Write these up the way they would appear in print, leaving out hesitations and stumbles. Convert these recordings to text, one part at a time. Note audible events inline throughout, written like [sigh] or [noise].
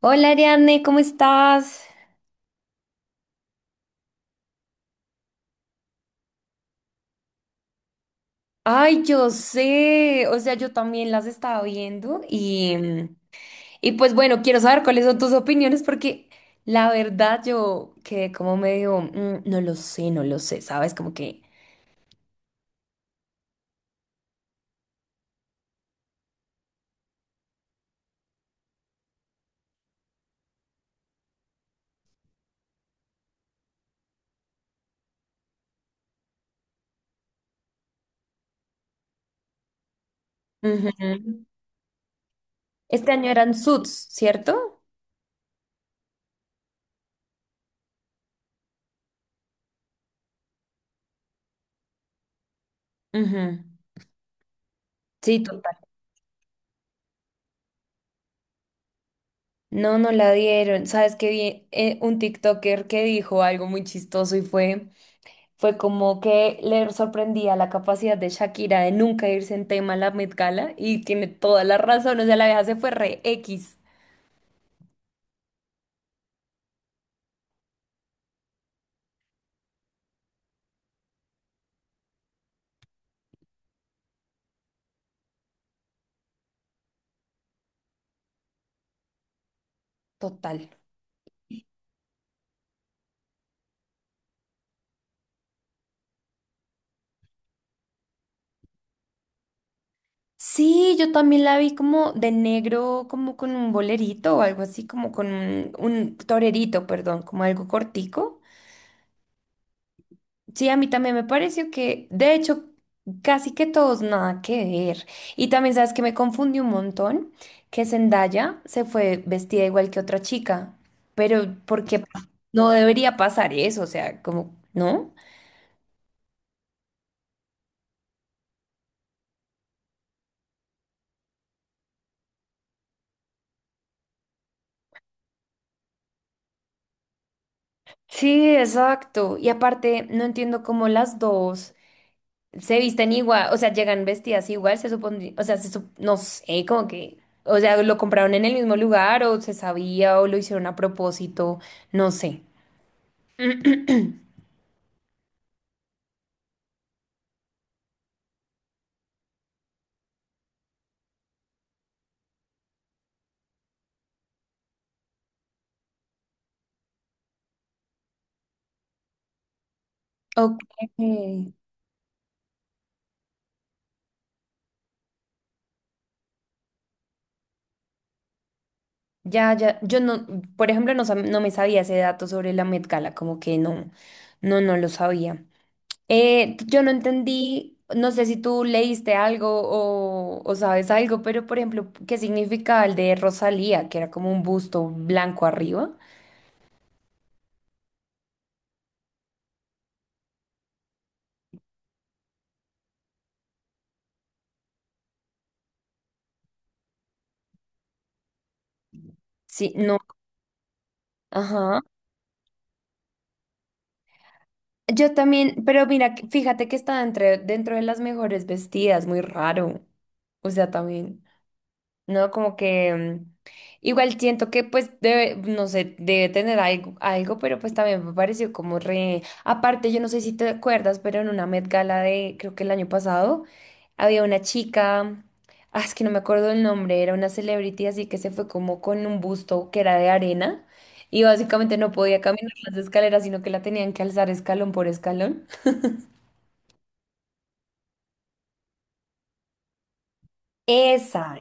Hola Ariane, ¿cómo estás? Ay, yo sé, o sea, yo también las estaba viendo y pues bueno, quiero saber cuáles son tus opiniones porque la verdad yo quedé como medio, "Mm, no lo sé, no lo sé, ¿sabes? Como que... Ujú. Este año eran Suits, ¿cierto? Ujú. Sí, total. No, no la dieron. ¿Sabes qué vi? Un TikToker que dijo algo muy chistoso y fue... Fue como que le sorprendía la capacidad de Shakira de nunca irse en tema a la Met Gala y tiene toda la razón, o sea, la vieja se fue re X, total. Sí, yo también la vi como de negro, como con un bolerito o algo así, como con un torerito, perdón, como algo cortico. Sí, a mí también me pareció que, de hecho, casi que todos nada que ver. Y también sabes que me confundí un montón, que Zendaya se fue vestida igual que otra chica, pero porque no debería pasar eso, o sea, como, ¿no? Sí, exacto. Y aparte, no entiendo cómo las dos se visten igual, o sea, llegan vestidas igual, se supone, o sea, no sé, como que, o sea, lo compraron en el mismo lugar o se sabía o lo hicieron a propósito, no sé. Ok, ya, ya, yo no, por ejemplo, no, no me sabía ese dato sobre la Met Gala, como que no, no, no lo sabía. Yo no entendí, no sé si tú leíste algo o sabes algo, pero por ejemplo, ¿qué significaba el de Rosalía, que era como un busto blanco arriba? Sí, no, ajá. Yo también, pero mira, fíjate que está entre, dentro de las mejores vestidas, muy raro. O sea, también. ¿No? Como que igual siento que pues debe, no sé, debe tener algo, algo, pero pues también me pareció como re... Aparte, yo no sé si te acuerdas, pero en una Met Gala de, creo que el año pasado, había una chica, ah, es que no me acuerdo el nombre, era una celebrity, así que se fue como con un busto que era de arena. Y básicamente no podía caminar las escaleras, sino que la tenían que alzar escalón por escalón. Esa,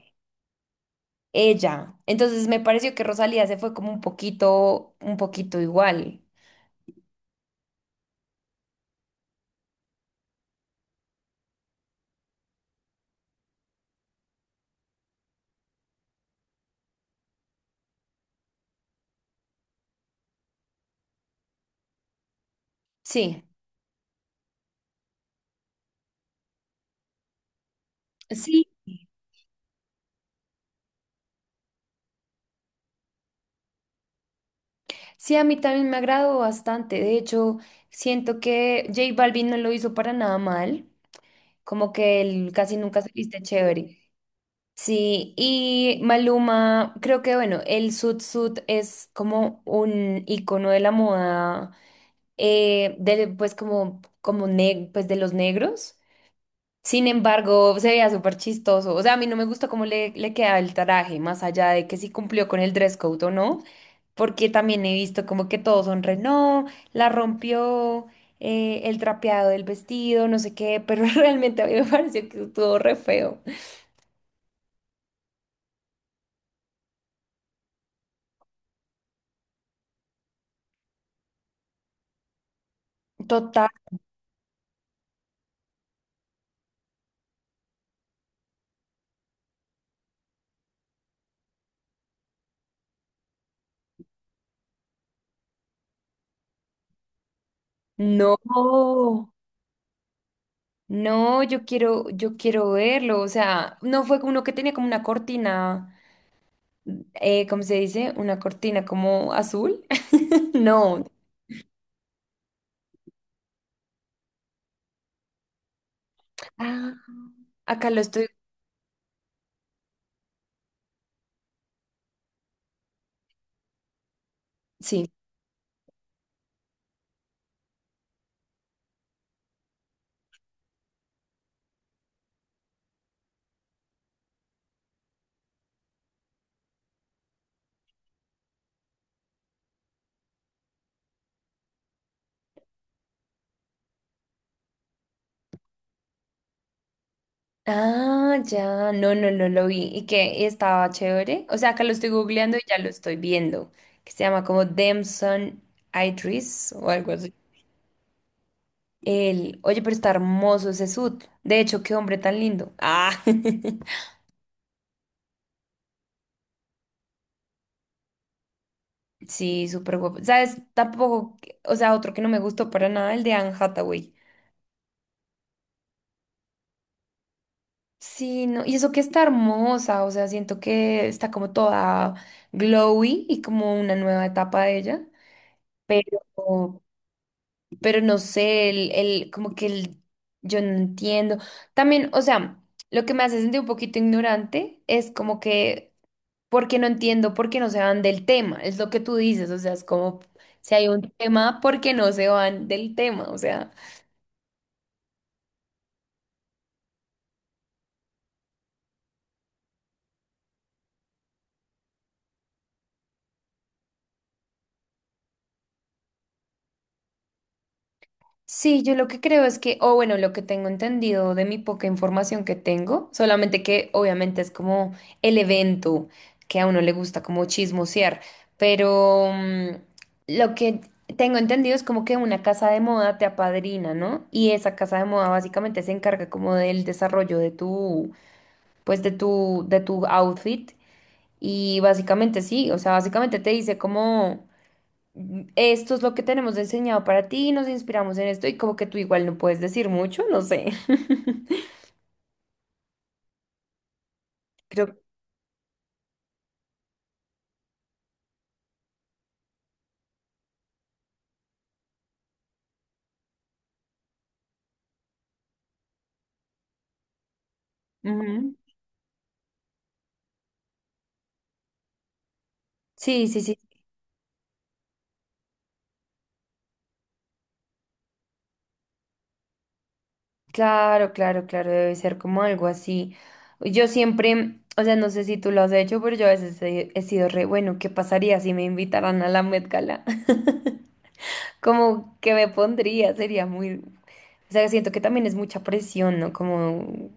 ella. Entonces me pareció que Rosalía se fue como un poquito igual. Sí, sí, sí, a mí también me agradó bastante. De hecho, siento que J Balvin no lo hizo para nada mal, como que él casi nunca se viste chévere. Sí, y Maluma, creo que bueno, el sud es como un icono de la moda, de, pues como, pues de los negros. Sin embargo, se veía súper chistoso. O sea, a mí no me gustó cómo le quedaba el traje, más allá de que si cumplió con el dress code o no. Porque también he visto como que todos son re, no, la rompió el trapeado del vestido, no sé qué, pero [laughs] realmente a mí me pareció que estuvo re feo. Total. No, no, yo quiero verlo, o sea, no fue uno que tenía como una cortina, ¿cómo se dice? Una cortina como azul. [laughs] No, ah, acá lo estoy, sí. Ah, ya, no, no, no lo vi. ¿Y que ¿Y estaba chévere? O sea, acá lo estoy googleando y ya lo estoy viendo. Que se llama como Damson Idris o algo así. El, oye, pero está hermoso ese sud. De hecho, qué hombre tan lindo. Ah, [laughs] sí, súper guapo. ¿Sabes? Tampoco, o sea, otro que no me gustó para nada, el de Anne Hathaway. Sí, no, y eso que está hermosa, o sea, siento que está como toda glowy y como una nueva etapa de ella. Pero, pero no sé, el, como que el, yo no entiendo. También, o sea, lo que me hace sentir un poquito ignorante es como que, porque no entiendo, porque no se van del tema, es lo que tú dices, o sea, es como, si hay un tema, ¿porque no se van del tema? O sea, sí, yo lo que creo es que, o bueno, lo que tengo entendido de mi poca información que tengo, solamente que obviamente es como el evento que a uno le gusta como chismosear, pero lo que tengo entendido es como que una casa de moda te apadrina, ¿no? Y esa casa de moda básicamente se encarga como del desarrollo de tu, pues de tu outfit y básicamente sí, o sea, básicamente te dice como esto es lo que tenemos enseñado para ti, nos inspiramos en esto y como que tú igual no puedes decir mucho, no sé. [laughs] Creo. Ujú. Sí, sí, sí. Claro, claro, claro, debe ser como algo así. Yo siempre, o sea, no sé si tú lo has hecho, pero yo a veces he, he sido re, bueno, ¿qué pasaría si me invitaran a la Met Gala? [laughs] Como que me pondría, sería muy, o sea, siento que también es mucha presión, ¿no? Como,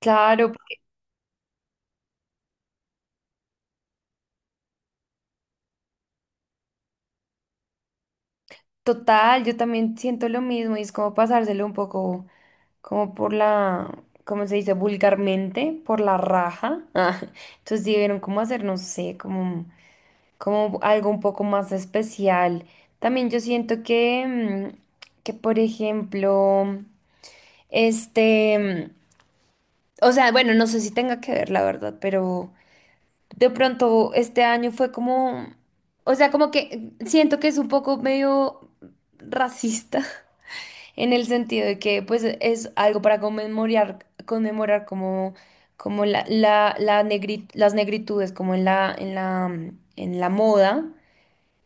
claro, porque- total, yo también siento lo mismo y es como pasárselo un poco. Como por la, ¿cómo se dice? Vulgarmente, por la raja. [laughs] Ah, entonces debieron como hacer, no sé, como, como algo un poco más especial. También yo siento que, mm, que por ejemplo, este, o sea, bueno, no sé si tenga que ver, la verdad, pero de pronto este año fue como, o sea, como que siento que es un poco medio racista en el sentido de que, pues, es algo para conmemorar, como, como las negritudes, como en la moda.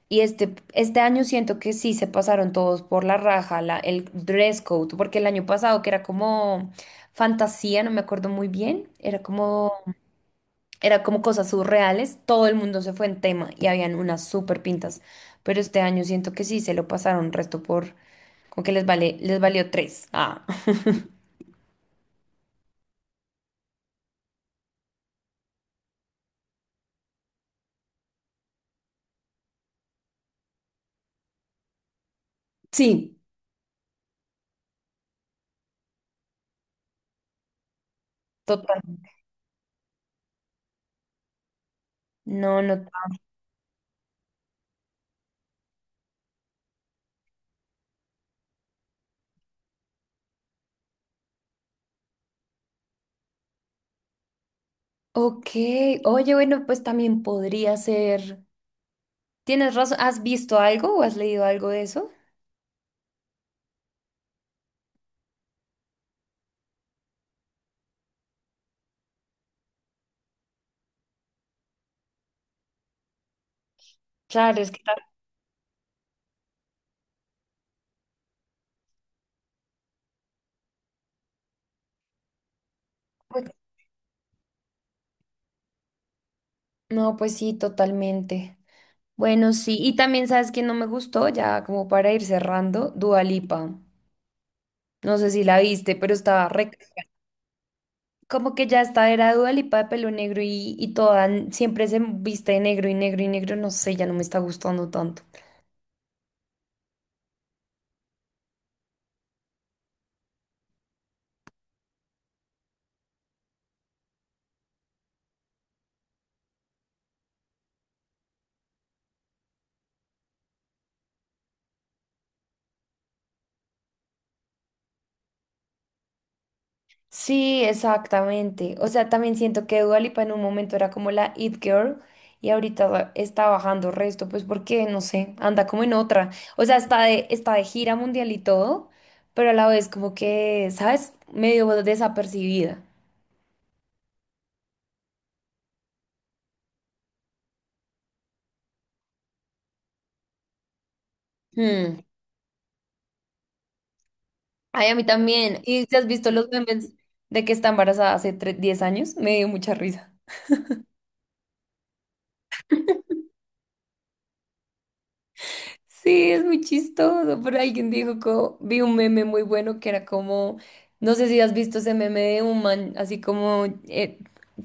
Y este año siento que sí se pasaron todos por la raja, la, el dress code, porque el año pasado que era como fantasía, no me acuerdo muy bien, era como cosas surreales, todo el mundo se fue en tema y habían unas súper pintas. Pero este año siento que sí se lo pasaron resto por, como que les vale, les valió tres. Ah. Sí, totalmente. No, no. Ok. Oye, bueno, pues también podría ser. ¿Tienes razón? ¿Has visto algo o has leído algo de eso? Claro, es que tal- pues- no, pues sí, totalmente. Bueno, sí. Y también sabes que no me gustó, ya como para ir cerrando, Dua Lipa. No sé si la viste, pero estaba re... Como que ya esta era Dua Lipa de pelo negro y toda siempre se viste de negro y negro y negro, no sé, ya no me está gustando tanto. Sí, exactamente. O sea, también siento que Dua Lipa en un momento era como la it girl y ahorita está bajando resto, pues porque, no sé, anda como en otra. O sea, está de gira mundial y todo, pero a la vez como que, ¿sabes? Medio desapercibida. Hmm. Ay, a mí también. ¿Y si has visto los memes de que está embarazada hace 10 años? Me dio mucha risa. Sí, es muy chistoso, pero alguien dijo como, vi un meme muy bueno que era como, no sé si has visto ese meme de un man así como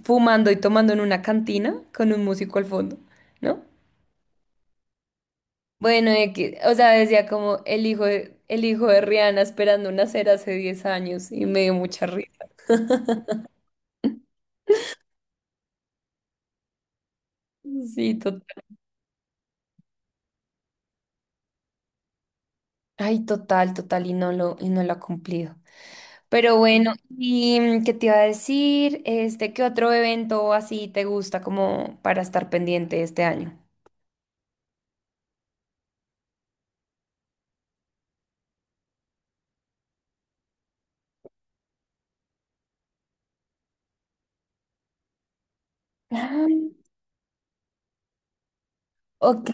fumando y tomando en una cantina con un músico al fondo, ¿no? Bueno, X, o sea, decía como el hijo de Rihanna esperando nacer hace 10 años y me dio mucha risa. Sí, total. Ay, total, total, y no lo ha cumplido. Pero bueno, ¿y qué te iba a decir? Este, ¿qué otro evento así te gusta como para estar pendiente este año? Ah, ok.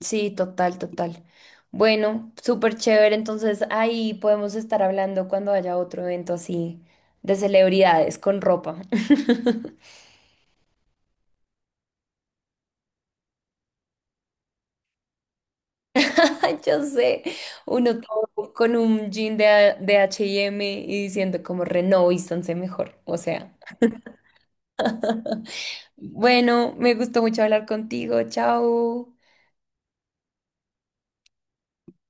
Sí, total, total. Bueno, súper chévere. Entonces ahí podemos estar hablando cuando haya otro evento así de celebridades con ropa. [laughs] Ay, yo sé, uno todo con un jean de, A- de H&M y M y diciendo como reno renovístanse mejor. O sea, bueno, me gustó mucho hablar contigo. Chao.